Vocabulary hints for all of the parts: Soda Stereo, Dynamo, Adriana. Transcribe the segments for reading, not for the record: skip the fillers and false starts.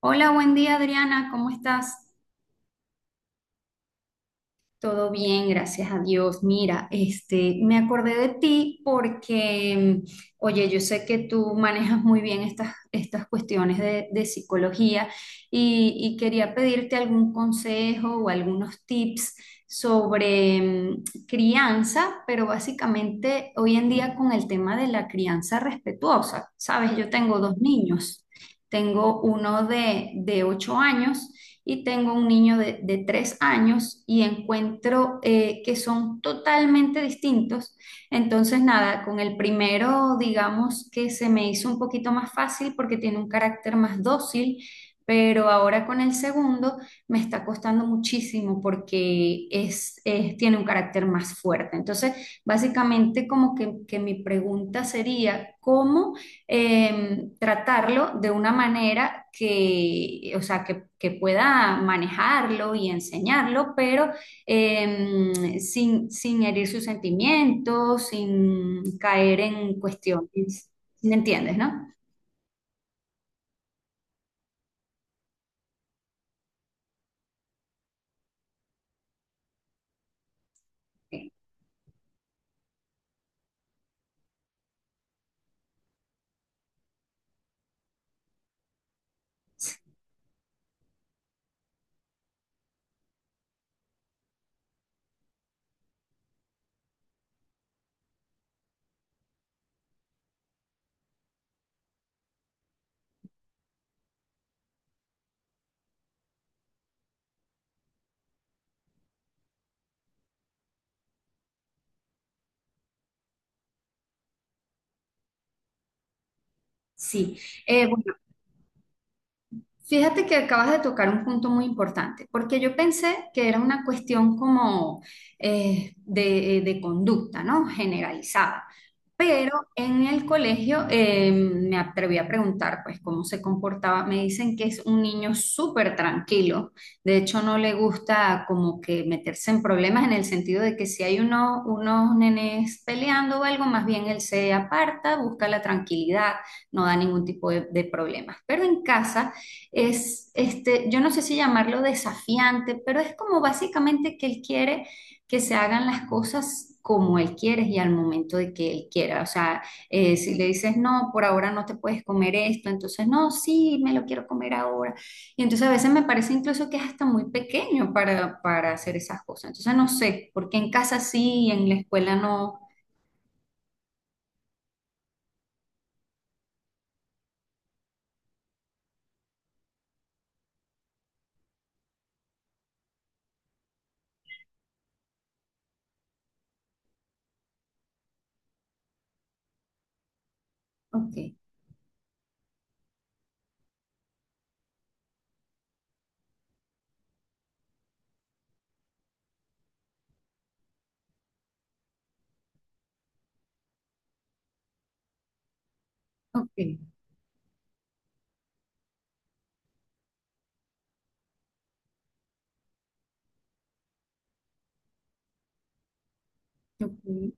Hola, buen día Adriana, ¿cómo estás? Todo bien, gracias a Dios. Mira, este, me acordé de ti porque oye, yo sé que tú manejas muy bien estas cuestiones de psicología y quería pedirte algún consejo o algunos tips sobre crianza, pero básicamente hoy en día con el tema de la crianza respetuosa, ¿sabes? Yo tengo dos niños. Tengo uno de 8 años y tengo un niño de 3 años y encuentro que son totalmente distintos. Entonces, nada, con el primero, digamos que se me hizo un poquito más fácil porque tiene un carácter más dócil, pero ahora con el segundo me está costando muchísimo porque es- tiene un carácter más fuerte. Entonces, básicamente como que mi pregunta sería, ¿cómo tratarlo de una manera que, o sea, que pueda manejarlo y enseñarlo, pero sin herir sus sentimientos, sin caer en cuestiones, me entiendes, no? Ok. Sí. Eh, fíjate que acabas de tocar un punto muy importante, porque yo pensé que era una cuestión como de conducta, ¿no? Generalizada. Pero en el colegio me atreví a preguntar, pues, cómo se comportaba. Me dicen que es un niño súper tranquilo. De hecho, no le gusta como que meterse en problemas en el sentido de que si hay uno- unos nenes peleando o algo, más bien él se aparta, busca la tranquilidad, no da ningún tipo de problemas. Pero en casa es, este, yo no sé si llamarlo desafiante, pero es como básicamente que él quiere que se hagan las cosas como él quiere y al momento de que él quiera. O sea, si le dices, no, por ahora no te puedes comer esto, entonces, no, sí, me lo quiero comer ahora. Y entonces a veces me parece incluso que es hasta muy pequeño para hacer esas cosas. Entonces no sé, porque en casa sí y en la escuela no. Ok, ok, ok,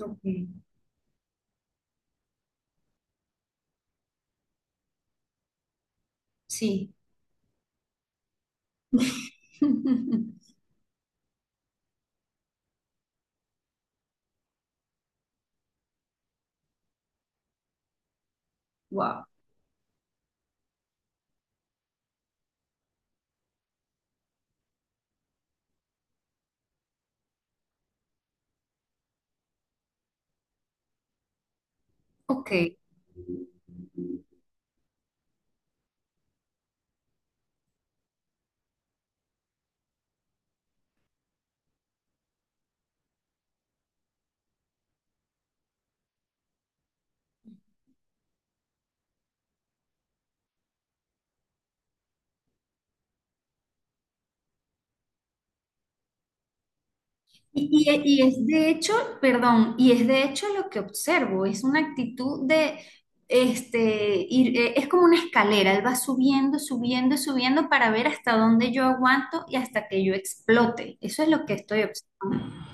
ok, sí. Wow. Ok. Y es de hecho, perdón, y es de hecho lo que observo, es una actitud de, este, ir, es como una escalera, él va subiendo, subiendo, subiendo para ver hasta dónde yo aguanto y hasta que yo explote. Eso es lo que estoy observando.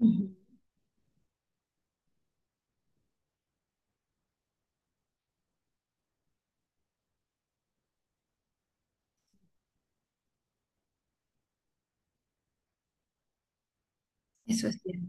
Ujú. Eso es cierto.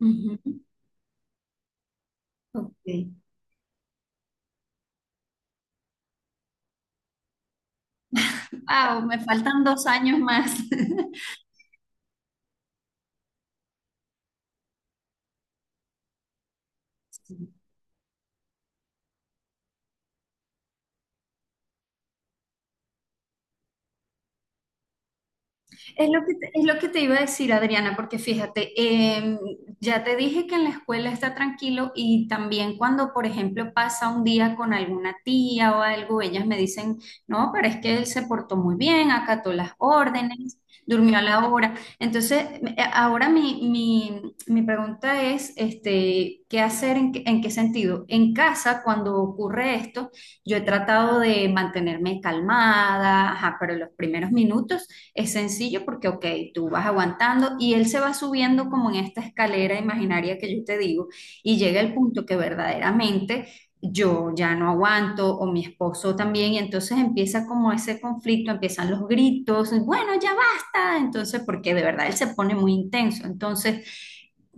Ujú. Ok. Wow, me faltan 2 años más. Es lo que te, es lo que te iba a decir, Adriana, porque fíjate, em, ya te dije que en la escuela está tranquilo y también cuando, por ejemplo, pasa un día con alguna tía o algo, ellas me dicen, no, pero es que él se portó muy bien, acató las órdenes, durmió a la hora. Entonces, ahora mi pregunta es, este, ¿qué hacer? En qué sentido? En casa, cuando ocurre esto, yo he tratado de mantenerme calmada, ajá, pero los primeros minutos es sencillo porque, ok, tú vas aguantando y él se va subiendo como en esta escalera imaginaria que yo te digo y llega el punto que verdaderamente yo ya no aguanto o mi esposo también y entonces empieza como ese conflicto, empiezan los gritos, bueno, ya basta, entonces porque de verdad él se pone muy intenso. Entonces,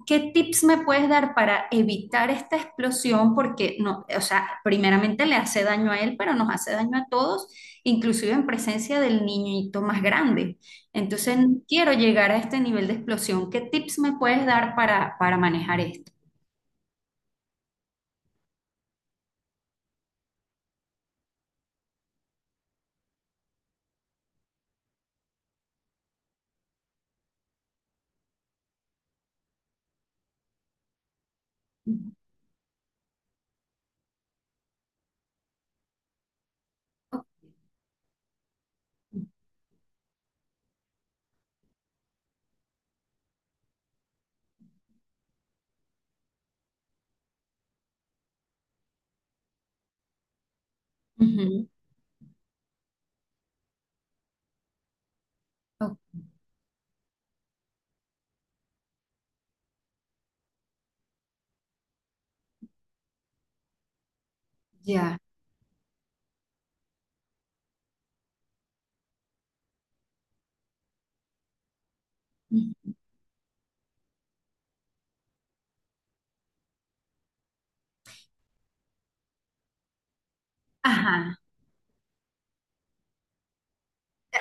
¿qué tips me puedes dar para evitar esta explosión? Porque no, o sea, primeramente le hace daño a él, pero nos hace daño a todos inclusive en presencia del niñito más grande. Entonces, quiero llegar a este nivel de explosión. ¿Qué tips me puedes dar para manejar esto? Ujú, ok, ya. Ajá,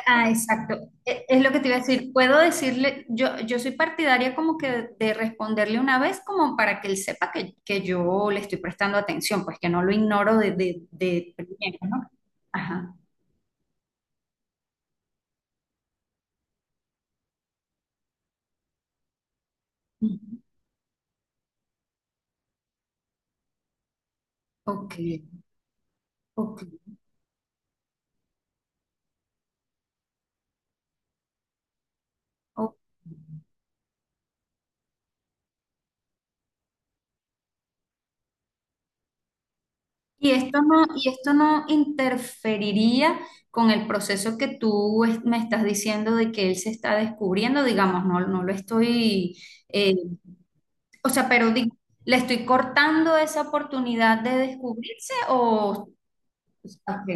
ah, exacto. E- Es lo que te iba a decir. Puedo decirle, yo soy partidaria como que de responderle una vez como para que él sepa que yo le estoy prestando atención, pues que no lo ignoro de primero, ¿no? Ajá. Ujú. Ok, ok, y esto no, y esto no interferiría con el proceso que tú es- me estás diciendo de que él se está descubriendo, digamos, no, no lo estoy, eh, o sea, pero di- le estoy cortando esa oportunidad de descubrirse o... Ok,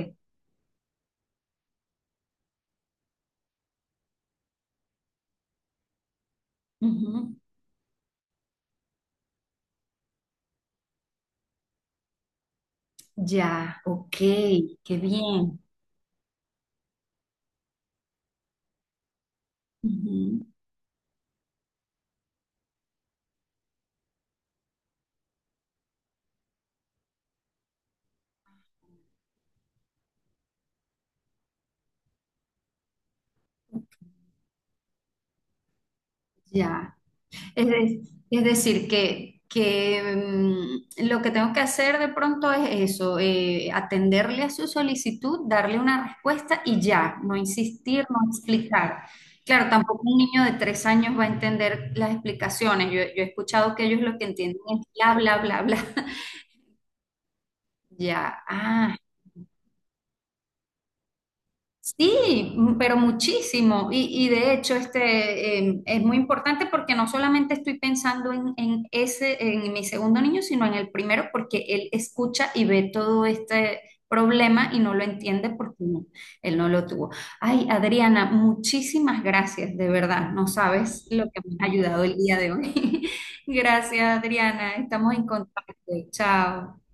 ujú, ya, ok, qué bien. Ujú. Ya. Es, de- es decir, que lo que tengo que hacer de pronto es eso, atenderle a su solicitud, darle una respuesta y ya, no insistir, no explicar. Claro, tampoco un niño de 3 años va a entender las explicaciones. Yo he escuchado que ellos lo que entienden es bla, bla, bla, bla. Ya, ah, sí, m- pero muchísimo. Y de hecho, este es muy importante porque no solamente estoy pensando en ese, en mi segundo niño, sino en el primero, porque él escucha y ve todo este problema y no lo entiende porque no, él no lo tuvo. Ay, Adriana, muchísimas gracias, de verdad. No sabes lo que me ha ayudado el día de hoy. Gracias, Adriana. Estamos en contacto. Chao.